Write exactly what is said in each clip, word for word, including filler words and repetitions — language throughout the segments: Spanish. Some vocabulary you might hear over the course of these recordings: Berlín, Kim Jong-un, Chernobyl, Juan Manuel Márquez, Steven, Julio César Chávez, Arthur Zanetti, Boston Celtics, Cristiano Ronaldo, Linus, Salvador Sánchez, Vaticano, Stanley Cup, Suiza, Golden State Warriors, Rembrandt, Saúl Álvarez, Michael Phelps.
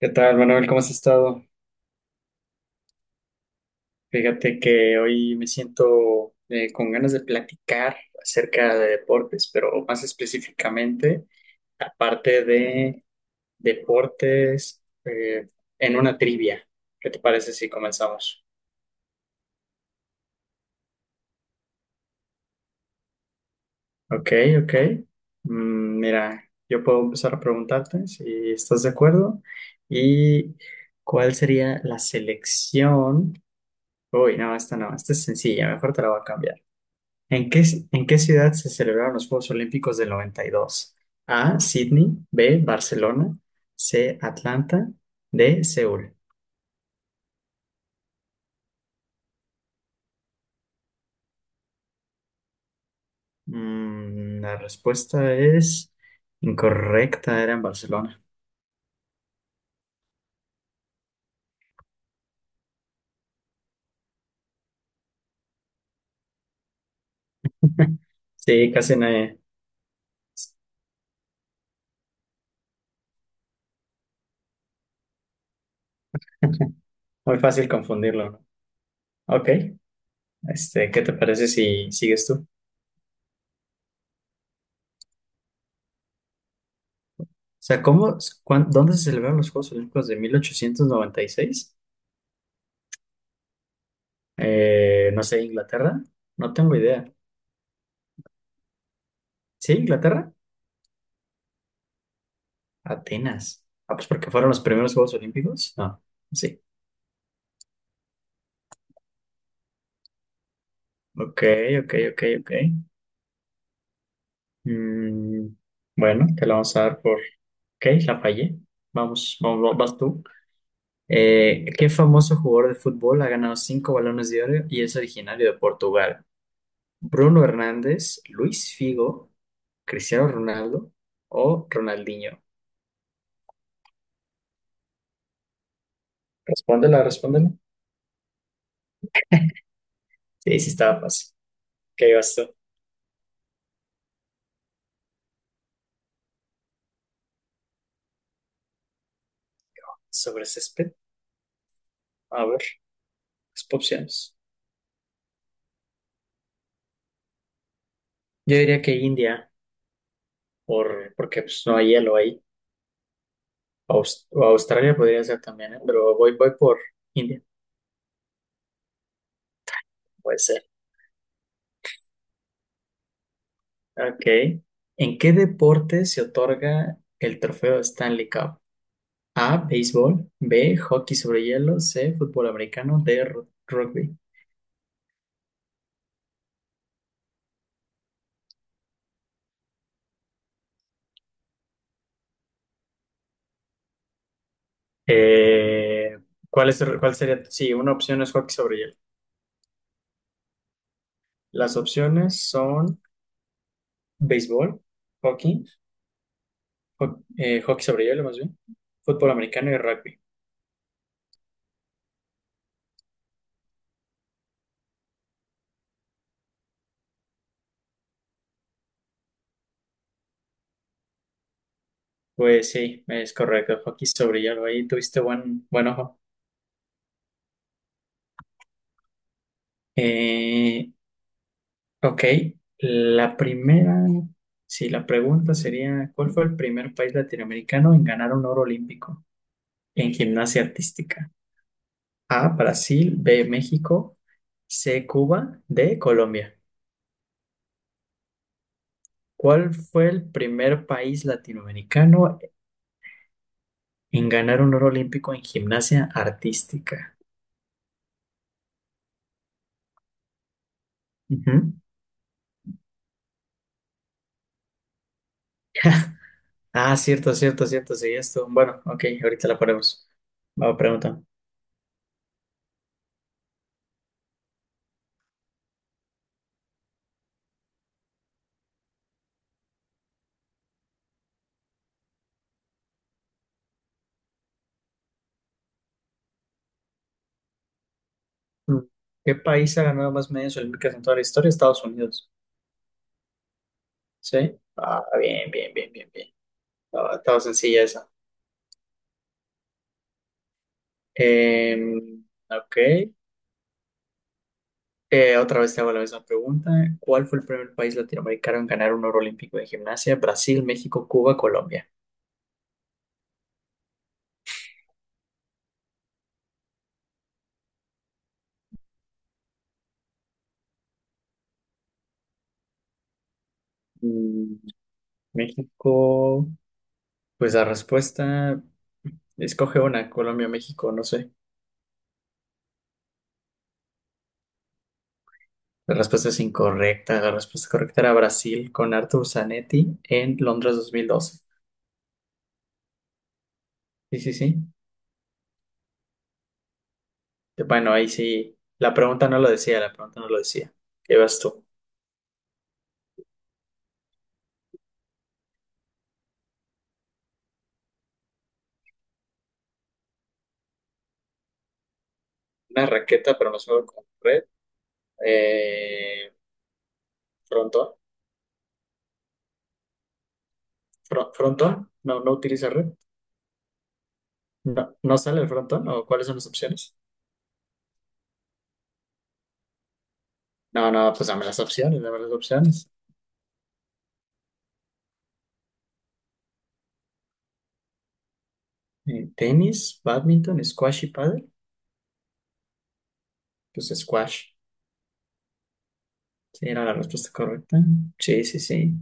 ¿Qué tal, Manuel? ¿Cómo has estado? Fíjate que hoy me siento eh, con ganas de platicar acerca de deportes, pero más específicamente aparte de deportes eh, en una trivia. ¿Qué te parece si comenzamos? Ok, ok. Mm, mira, yo puedo empezar a preguntarte si estás de acuerdo. ¿Y cuál sería la selección? Uy, no, esta no, esta es sencilla, mejor te la voy a cambiar. ¿En qué, ¿en qué ciudad se celebraron los Juegos Olímpicos del noventa y dos? A. Sydney. B. Barcelona. C. Atlanta. D. Seúl. Mm, la respuesta es incorrecta, era en Barcelona. Sí, casi nadie. Muy fácil confundirlo, ¿no? Ok, este, ¿qué te parece si sigues tú? O sea, ¿cómo, cuán- ¿dónde se celebraron los Juegos Olímpicos de mil ochocientos noventa y seis? Eh, no sé, Inglaterra. No tengo idea. ¿Sí, Inglaterra? Atenas. Ah, pues porque fueron los primeros Juegos Olímpicos. No, sí. Ok, ok, ok, ok. Mm, bueno, te la vamos a dar por... Ok, la fallé. Vamos, vamos, vas tú. Eh, ¿qué famoso jugador de fútbol ha ganado cinco balones de oro y es originario de Portugal? ¿Bruno Hernández, Luis Figo, Cristiano Ronaldo o Ronaldinho? Respóndela, respóndela. Sí, sí estaba fácil. ¿Qué ibas tú? ¿Sobre césped? A ver, las opciones. Yo diría que India, por, porque pues, no hay hielo ahí. Aus- o Australia podría ser también, ¿eh? Pero voy, voy por India, puede ser. Ok. ¿En qué deporte se otorga el trofeo Stanley Cup? A, béisbol, B, hockey sobre hielo, C, fútbol americano, D, ru- rugby. Eh, ¿cuál es, ¿cuál sería? Sí, una opción es hockey sobre hielo. Las opciones son béisbol, hockey, ho- eh, hockey sobre hielo más bien, fútbol americano y rugby. Pues sí, es correcto. Fue aquí sobre hielo. Ahí tuviste buen, buen ojo. Eh, ok, la primera, sí, la pregunta sería, ¿cuál fue el primer país latinoamericano en ganar un oro olímpico en gimnasia artística? A, Brasil, B, México, C, Cuba, D, Colombia. ¿Cuál fue el primer país latinoamericano en ganar un oro olímpico en gimnasia artística? Ujú. Ah, cierto, cierto, cierto, sí, esto. Bueno, ok, ahorita la ponemos. Va, pregunta. Mm. ¿Qué país ha ganado más medallas olímpicas en toda la historia? Estados Unidos. ¿Sí? Ah, bien, bien, bien, bien, bien. Estaba, estaba sencilla esa. Em, ok. Eh, otra vez te hago la misma pregunta. ¿Cuál fue el primer país latinoamericano en ganar un oro olímpico de gimnasia? Brasil, México, Cuba, Colombia. Mm, México. Pues la respuesta, escoge una, Colombia, México, no sé. La respuesta es incorrecta. La respuesta correcta era Brasil con Arthur Zanetti en Londres dos mil doce. Sí, sí, sí. Bueno, ahí sí. La pregunta no lo decía, la pregunta no lo decía. ¿Qué vas tú? Una raqueta, pero no solo con red. Eh, frontón. Fro- frontón. No, no utiliza red. No, no sale el frontón. ¿O cuáles son las opciones? No, no, pues dame las opciones, dame las opciones. Eh, tenis, badminton, squash y pádel. Pues squash. Sí, era la respuesta correcta. Sí, sí, sí.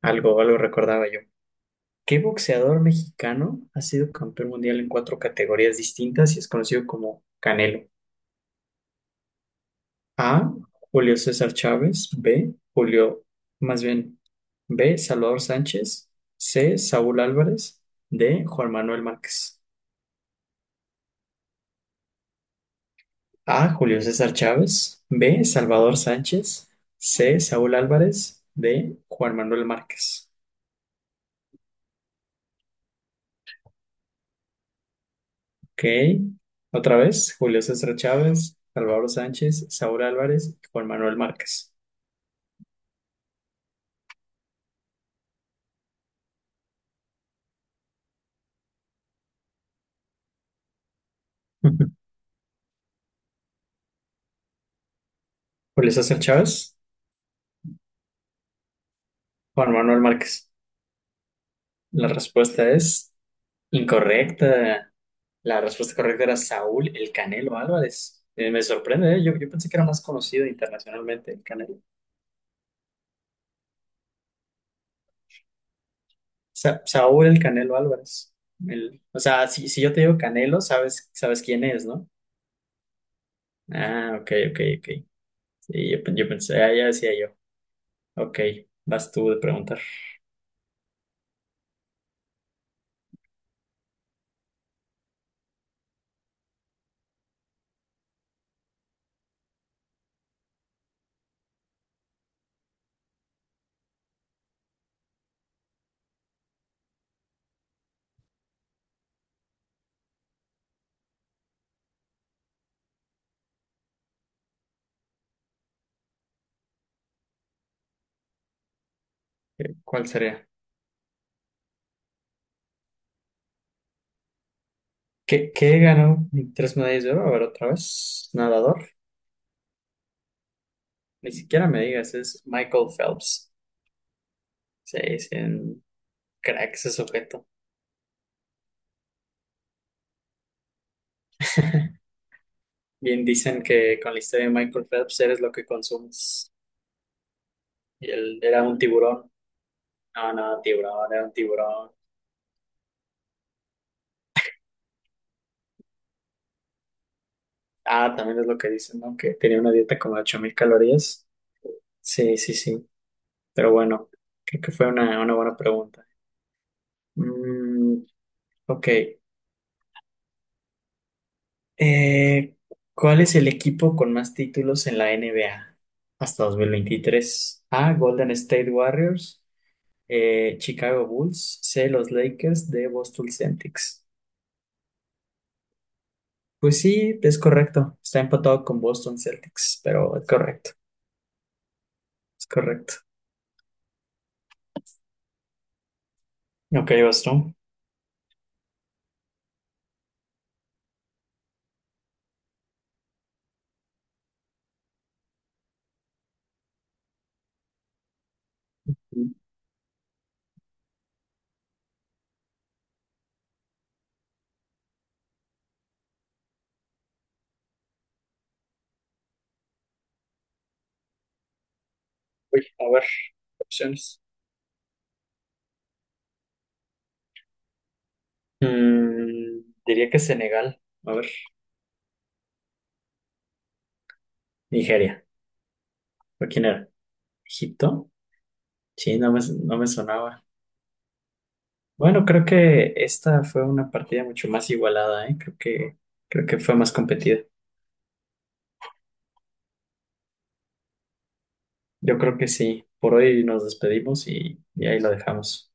Algo, algo recordaba yo. ¿Qué boxeador mexicano ha sido campeón mundial en cuatro categorías distintas y es conocido como Canelo? A. Julio César Chávez. B. Julio, más bien, B. Salvador Sánchez. C. Saúl Álvarez. D. Juan Manuel Márquez. A. Julio César Chávez. B. Salvador Sánchez. C. Saúl Álvarez. D. Juan Manuel Márquez. Ok. Otra vez, Julio César Chávez, Salvador Sánchez, Saúl Álvarez y Juan Manuel Márquez. Julio César Chávez, Juan Manuel Márquez. La respuesta es incorrecta. La respuesta correcta era Saúl El Canelo Álvarez. Eh, me sorprende, ¿eh? Yo, yo pensé que era más conocido internacionalmente el Canelo. Sa- Saúl El Canelo Álvarez. El- o sea, si, si yo te digo Canelo, sabes, sabes quién es, ¿no? Ah, ok, ok, ok. Sí, yo, pen- yo pensé, ah, ya decía yo. Ok, vas tú de preguntar. Eh, ¿Cuál sería? ¿Qué, ¿qué ganó tres medallas de oro? A ver, otra vez. Nadador. Ni siquiera me digas, es Michael Phelps. Sí, es un crack ese sujeto. Bien dicen que con la historia de Michael Phelps eres lo que consumes. Y él era un tiburón. No, no, tiburón, era un tiburón. Ah, también es lo que dicen, ¿no? Que tenía una dieta como de ocho mil calorías. Sí, sí, sí. Pero bueno, creo que fue una, una buena pregunta. Mm, ok. Eh, ¿cuál es el equipo con más títulos en la N B A hasta dos mil veintitrés? A. Golden State Warriors, eh, Chicago Bulls, C, los Lakers, D, Boston Celtics. Pues sí, es correcto. Está empatado con Boston Celtics, pero es correcto. Es correcto. Ok, vas tú. Mm. Uy, a ver, opciones. Mm, diría que Senegal. A ver, Nigeria. ¿O quién era? ¿Egipto? Sí, no me, no me sonaba. Bueno, creo que esta fue una partida mucho más igualada, ¿eh? Creo que, creo que fue más competida. Yo creo que sí. Por hoy nos despedimos y y ahí lo dejamos.